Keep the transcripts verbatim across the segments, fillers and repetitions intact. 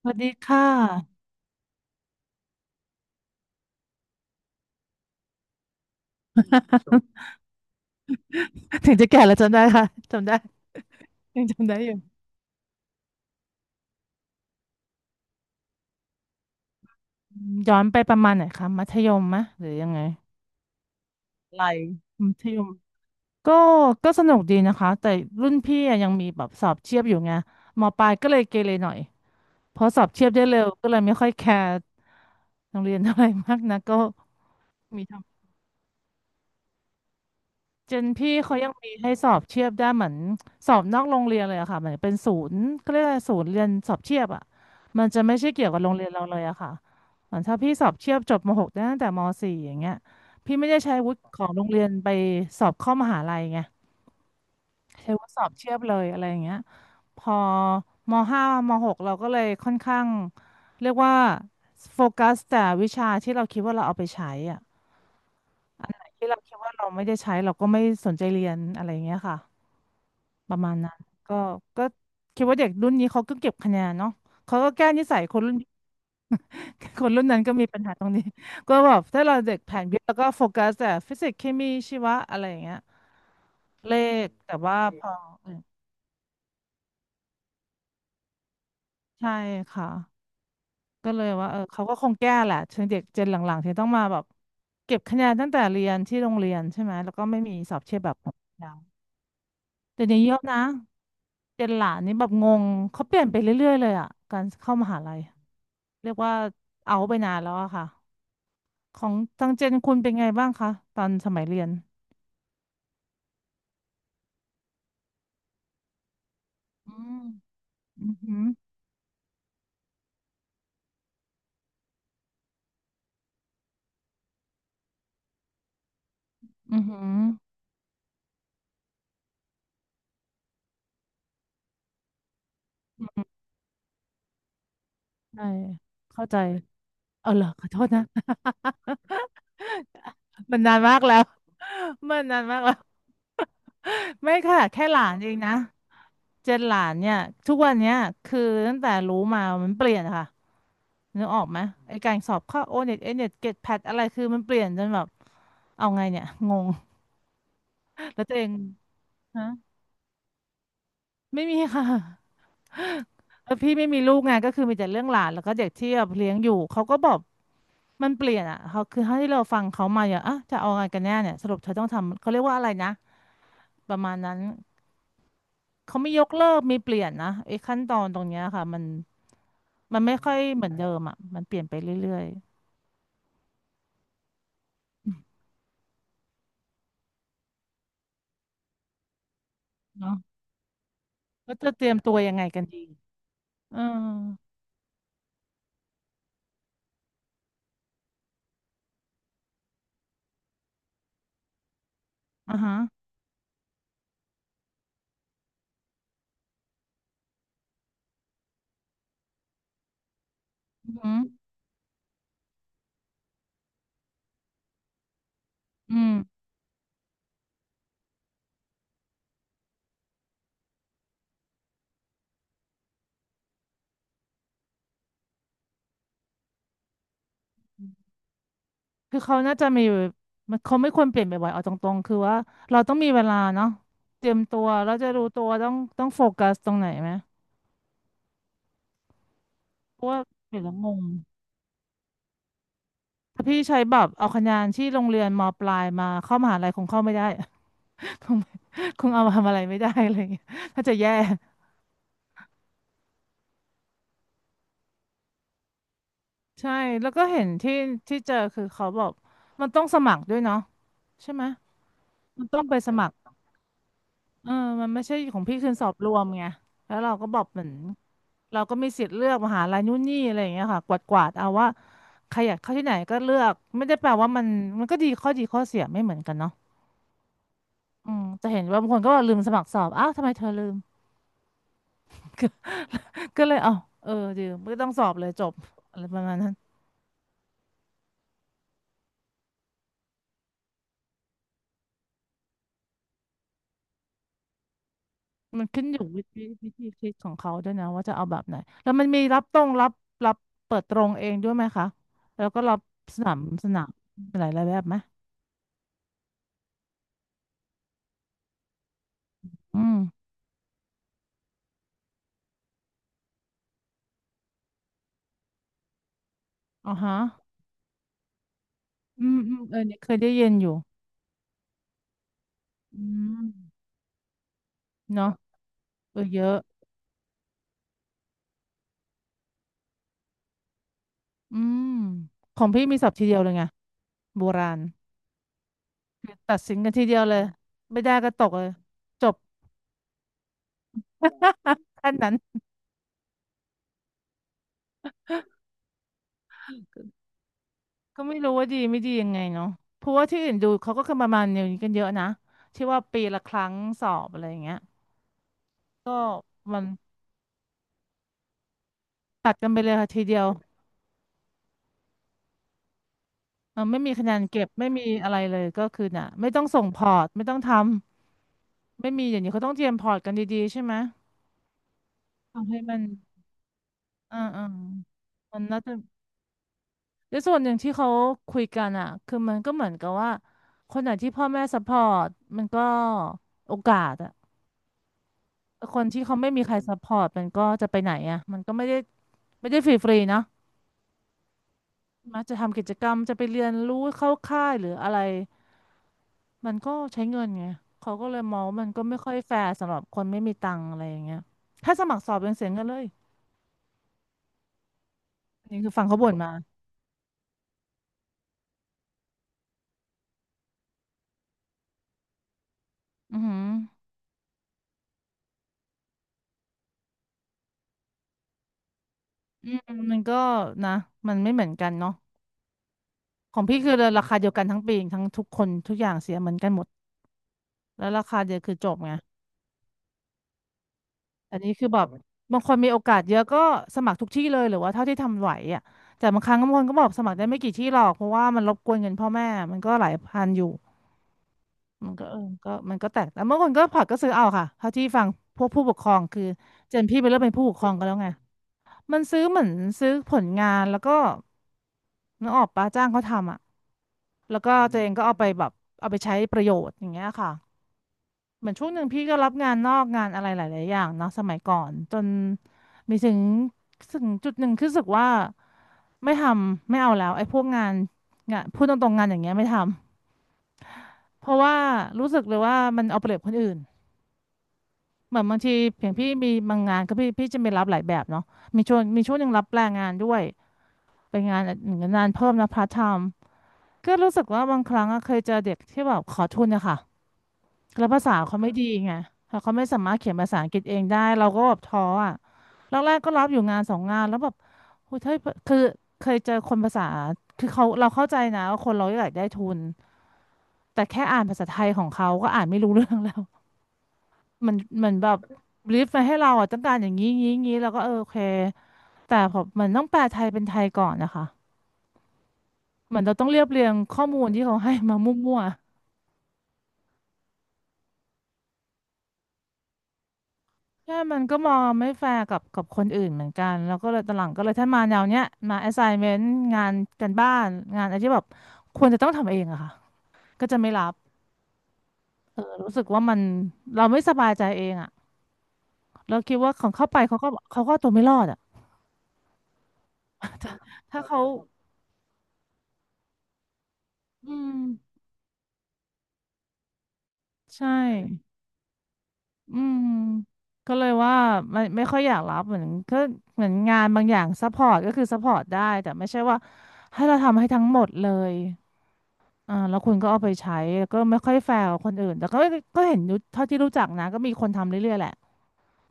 สวัสดีค่ะ ถึงจะแก่แล้วจำได้ค่ะจำได้ยังจำได้อยู่อืมย้อนไปประมาณไหนคะมัธยมมะหรือยังไงอะไรมัธยมก็ก็สนุกดีนะคะแต่รุ่นพี่อะยังมีแบบสอบเทียบอยู่ไงมปลายก็เลยเกเรหน่อยเพราะสอบเทียบได้เร็วก็เลยไม่ค่อยแคร์โรงเรียนเท่าไหร่มากนะก็มี เจนพี่เขายังมีให้สอบเทียบได้เหมือนสอบนอกโรงเรียนเลยอะค่ะเหมือนเป็นศูนย์ก็เรียกอะไรศูนย์เรียนสอบเทียบอะมันจะไม่ใช่เกี่ยวกับโรงเรียนเราเลยอะค่ะเหมือนถ้าพี่สอบเทียบจบม .หก ได้ตั้งแต่มสี่อย่างเงี้ยพี่ไม่ได้ใช้วุฒิของโรงเรียนไปสอบเข้ามหาลัยไงใช้วุฒิสอบเทียบเลยอะไรอย่างเงี้ยพอมห้ามหกเราก็เลยค่อนข้างเรียกว่าโฟกัสแต่วิชาที่เราคิดว่าเราเอาไปใช้อะที่เราคิดว่าเราไม่ได้ใช้เราก็ไม่สนใจเรียนอะไรอย่างเงี้ยค่ะ ประมาณนั้นก็ก็คิดว่าเด็กรุ่นนี้เขาก็เก็บคะแนนเนาะเขาก็แก้นิสัยคนรุ่น คนรุ่นนั้นก็มีปัญหาตรงนี้ก็แบบถ้าเราเด็กแผนวิทย์แล้วก็โฟกัสแต่ฟิสิกส์เคมีชีวะอะไรอย่างเงี้ยเลขแต่ว่าพอเออใช่ค่ะก็เลยว่าเออเขาก็คงแก้แหละถึงเด็กเจนหลังๆที่ต้องมาแบบเก็บคะแนนตั้งแต่เรียนที่โรงเรียนใช่ไหมแล้วก็ไม่มีสอบเทียบแบบ เดี๋ยวนี้เยอะนะเจนหลานนี่แบบงงเขาเปลี่ยนไปเรื่อยๆเลยอ่ะการเข้ามหาลัยเรียกว่าเอาไปนานแล้วอะค่ะของทางเจนคุณเป็นไงบ้างคะตอนสมัยเรียนอืมอือหืออือหือใช่เข้าใจเออเหรอขอโทษนะ มันนานมากแล้ว มันนานมากแล้ว ไม่ค่ะแค่หลานเองนะเจนหลานเนี่ยทุกวันเนี้ยคือตั้งแต่รู้มามันเปลี่ยนค่ะนึกออกไหมไอ้การสอบเข้าโอเน็ตเอเน็ตเกตแพดอะไรคือมันเปลี่ยนจนแบบเอาไงเนี่ยงงแล้วตัวเองฮะไม่มีค่ะแล้วพี่ไม่มีลูกไงก็คือมีแต่เรื่องหลานแล้วก็เด็กที่แบบเลี้ยงอยู่เขาก็บอกมันเปลี่ยนอ่ะเขาคือเท่าที่เราฟังเขามาอย่างอ่ะจะเอาไงกันแน่เนี่ยสรุปเธอต้องทำเขาเรียกว่าอะไรนะประมาณนั้น เขาไม่ยกเลิกไมีเปลี่ยนนะไอ้ขั้นตอนตรงเนี้ยค่ะมันมันไม่ค่อยเหมือนเดิมอ่ะมันเปลี่ยนไปเรื่อยๆเนาะก็จะเตรียมตัวยังไงกันดีเอออ่าฮะอือหืออืมคือเขาน่าจะมีมันเขาไม่ควรเปลี่ยนบ่อยๆเอาตรงๆคือว่าเราต้องมีเวลาเนาะเตรียมตัวแราวจะรู้ตัวต้องต้องโฟกัสตรงไหนไหมเพราะว่าเปลี่ยนแล้วงงถ้าพี่ใช้แบบเอาคะแนนที่โรงเรียนมปลายมาเข้ามหาลัยคงเข้าไม่ได้ คงคงเอามาทำอะไรไม่ได้อะไรอย่างเงี้ยน่าจะแย่ ใช่แล้วก็เห็นที่ที่เจอคือเขาบอกมันต้องสมัครด้วยเนาะใช่ไหมมันต้องไปสมัครเออมันไม่ใช่ของพี่คืนสอบรวมไงแล้วเราก็บอกเหมือนเราก็มีสิทธิ์เลือกมหาลัยนู่นนี่อะไรอย่างเงี้ยค่ะกวาดกวาดเอาว่าใครอยากเข้าที่ไหนก็เลือกไม่ได้แปลว่ามันมันก็ดีข้อดีข้อเสียไม่เหมือนกันเนาะอืมจะเห็นว่าบางคนก็บอกลืมสมัครสอบอ้าวทำไมเธอลืม ก็เลยเอ้าเออลืมก็ต้องสอบเลยจบอะไรประมาณนั้น มันขึ้นอยู่วิธีวิธีคิดของเขาด้วยนะว่าจะเอาแบบไหนแล้วมันมีรับตรงรับรับเปิดตรงเองด้วยไหมคะแล้วก็รับสนามสนามหลายหลายแบบไหมอืมอ๋อฮะอืมอืมเออเนี่ยเคยได้ยินอยู่อืมเนาะเออเยอะอืมของพี่มีศัพท์ทีเดียวเลยไงโบราณคือตัดสินกันทีเดียวเลยไม่ได้ก็ตกเลยจบ ขั้นนั้น ก็ไม่รู้ว่าดีไม่ดียังไงเนาะเพราะว่าที่อื่นดูเขาก็คือประมาณอย่างนี้กันเยอะนะที่ว่าปีละครั้งสอบอะไรอย่างเงี้ยก็มันตัดกันไปเลยค่ะทีเดียวเออไม่มีคะแนนเก็บไม่มีอะไรเลยก็คือน่ะไม่ต้องส่งพอร์ตไม่ต้องทำไม่มีอย่างนี้เขาต้องเตรียมพอร์ตกันดีๆใช่ไหมทำให้มันอ่าอ่ามันน่าจะและส่วนหนึ่งที่เขาคุยกันอ่ะคือมันก็เหมือนกับว่าคนไหนที่พ่อแม่ซัพพอร์ตมันก็โอกาสอะ คนที่เขาไม่มีใครซัพพอร์ตมันก็จะไปไหนอ่ะมันก็ไม่ได้ไม่ได้ฟรีฟรีเนอะมักจะทำกิจกรรมจะไปเรียนรู้เข้าค่ายหรืออะไรมันก็ใช้เงินไงเขาก็เลยมองว่ามันก็ไม่ค่อยแฟร์สำหรับคนไม่มีตังค์อะไรอย่างเงี้ยถ้าสมัครสอบยังเสียเงินเลยอันนี่คือฟังเขาบ่นมาอือหืออืมมันก็นะมันไม่เหมือนกันเนาะของพี่คือราคาเดียวกันทั้งปีทั้งทุกคนทุกอย่างเสียเหมือนกันหมดแล้วราคาเดียวคือจบไง อันนี้คือแบบบางคนมีโอกาสเยอะก็สมัครทุกที่เลยหรือว่าเท่าที่ทำไหวอ่ะแต่บางครั้งบางคนก็บอกสมัครได้ไม่กี่ที่หรอกเพราะว่ามันรบกวนเงินพ่อแม่มันก็หลายพันอยู่มันก็เออก็มันก็แตกแต่บางคนก็ผักก็ซื้อเอาค่ะเท่าที่ฟังพวกผู้ปกครองคือเจนพี่ไปเริ่มเป็นผู้ปกครองกันแล้วไงมันซื้อเหมือนซื้อผลงานแล้วก็นึกออกปะจ้างเขาทำอ่ะแล้วก็ตัวเองก็เอาไปแบบเอาไปใช้ประโยชน์อย่างเงี้ยค่ะ เหมือนช่วงหนึ่งพี่ก็รับงานนอกงานอะไรหลายๆอย่างเนาะสมัยก่อนจนมีถึงถึงจุดหนึ่งคือรู้สึกว่าไม่ทำไม่เอาแล้วไอ้พวกงานงานพูดตรงๆงานอย่างเงี้ยไม่ทำเพราะว่ารู้สึกเลยว่ามันเอาเปรียบคนอื่นเหมือนบางทีอย่างพี่มีบางงานก็พี่พี่จะไปรับหลายแบบเนาะมีช่วงมีช่วงหนึ่งรับแปลงงานด้วยเป็นงานงานเพิ่มนะพาร์ทไทม์ก็รู้สึกว่าบางครั้งอะเคยเจอเด็กที่แบบขอทุนนะคะ แล้วภาษาเขาไม่ดีไงแล้วเขาไม่สามารถเขียนภาษาอังกฤษเองได้เราก็แบบท้ออ่ะแรกๆก็รับอยู่งานสองงานแล้วแบบโอ้ยเฮ้ยคือเคยเจอคนภาษา คือเขาเราเข้าใจนะว่าคนเราอยากได้ทุน แต่แค่อ่านภาษาไทยของเขาก็อ่านไม่รู้เรื่องแล้ว มันมันแบบรีฟมาให้เราอ่ะต้องการอย่างนี้งี้งี้แล้วก็เออโอเค แต่ผมมันต้องแปลไทยเป็นไทยก่อนนะคะเหมือนเราต้องเรียบเรียงข้อมูลที่เขาให้มามั่ว ใช่มันก็มองไม่แฟร์กับกับคนอื่นเหมือนกันแล้วก็เลยตอนหลังก็เลยถ้ามาแนวเนี้ยมา assignment งานการบ้านงานอะไรที่แบบควรจะต้องทำเองอะค่ะก็จะไม่รับรู้สึกว่ามันเราไม่สบายใจเองอะเราคิดว่าของเข้าไปเขาก็เขาก็เอาตัวไม่รอดอะถ้าเขาอืมใช่อืมก็เลยว่าไม่ไม่ค่อยอยากรับเหมือนก็เหมือนงานบางอย่างซัพพอร์ตก็คือซัพพอร์ตได้แต่ไม่ใช่ว่าให้เราทำให้ทั้งหมดเลย อ่าแล้วคุณก็เอาไปใช้ก็ไม่ค่อยแฟร์กับคนอื่นแต่ก็ก็เห็นอยู่เท่าที่รู้จักนะก็มีคนทำเรื่อยๆแหละ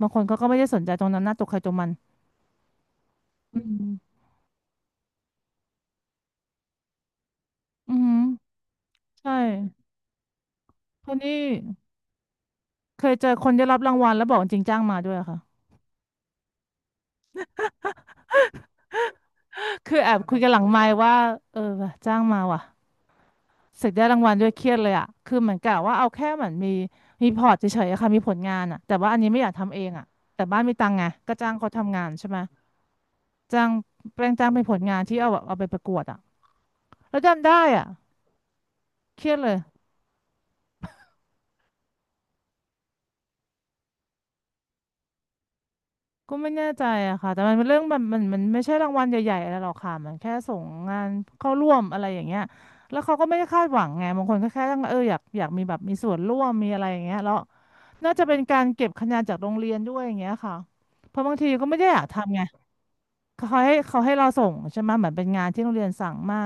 บางคนเขาก็ไม่ได้สนใจตรงนั้นหน้าตกใครตรงมันอืมอืมใช่คนนี้เคยเจอคนได้รับรางวัลแล้วบอกจริงจ้างมาด้วยอะค่ะคือแอบคุยกันหลังไมค์ว่าเออว่ะจ้างมาว่ะเสร็จได้รางวัลด้วยเครียดเลยอะคือเหมือนกับว่าเอาแค่เหมือนมีมีพอร์ตเฉยๆอะค่ะมีผลงานอะแต่ว่าอันนี้ไม่อยากทำเองอะแต่บ้านมีตังค์ไงก็จ้างเขาทำงานใช่ไหมจ้างแปลงจ้างเป็นผลงานที่เอาแบบเอาไปประกวดอะ แล้วจำได้อ่ะเครียดเลยก็ไม่แน่ใจอะค่ะแต่มันเป็นเรื่องแบบมันมันมันไม่ใช่รางวัลใหญ่ๆอะไรหรอกค่ะมันแค่ส่งงานเข้าร่วมอะไรอย่างเงี้ยแล้วเขาก็ไม่ได้คาดหวังไงบางคนก็แค่ต้องเอออยากอยากมีแบบมีส่วนร่วมมีอะไรอย่างเงี้ยแล้วน่าจะเป็นการเก็บคะแนนจากโรงเรียนด้วยอย่างเงี้ยค่ะเพราะบางทีก็ไม่ได้อยากทำไงเขาให้เขาให้เราส่งใช่ไหมเหมือนเป็นงานที่โรงเรียนสั่งมา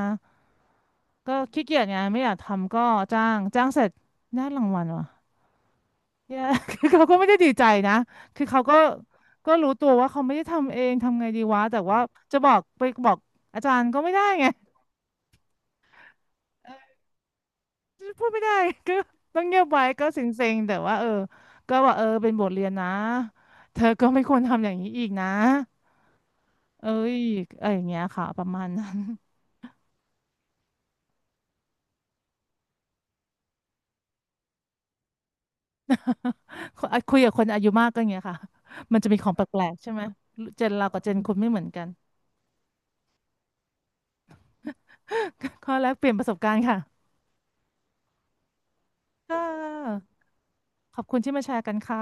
ก็ขี้เกียจไงไม่อยากทำก็จ้างจ้างเสร็จได้รางวัลวะ เนี่ย คือเขาก็ไม่ได้ดีใจนะคือเขาก็ก็รู้ตัวว่าเขาไม่ได้ทำเองทำไงดีวะ แต่ว่าจะบอกไปบอกอาจารย์ก็ไม่ได้ไง พูดไม่ได้ ก็ต้องเงียบไว้ก็เซ็งๆแต่ว่าเออก็ว่าเออเป็นบทเรียนนะเธอก็ไม่ควรทำอย่างนี้อีกนะเอ้ยอะไรอย่างเงี้ยค่ะประมาณนั้น คุยคุยกับคนอายุมากก็อย่างเงี้ยค่ะ มันจะมีของแปลกๆใช่ไหมเจนเรากับเจนคุณไม่เหมือนกัน ข้อแลกเปลี่ยนประสบการณ์ค่ะค่ะขอบคุณที่มาแชร์กันค่ะ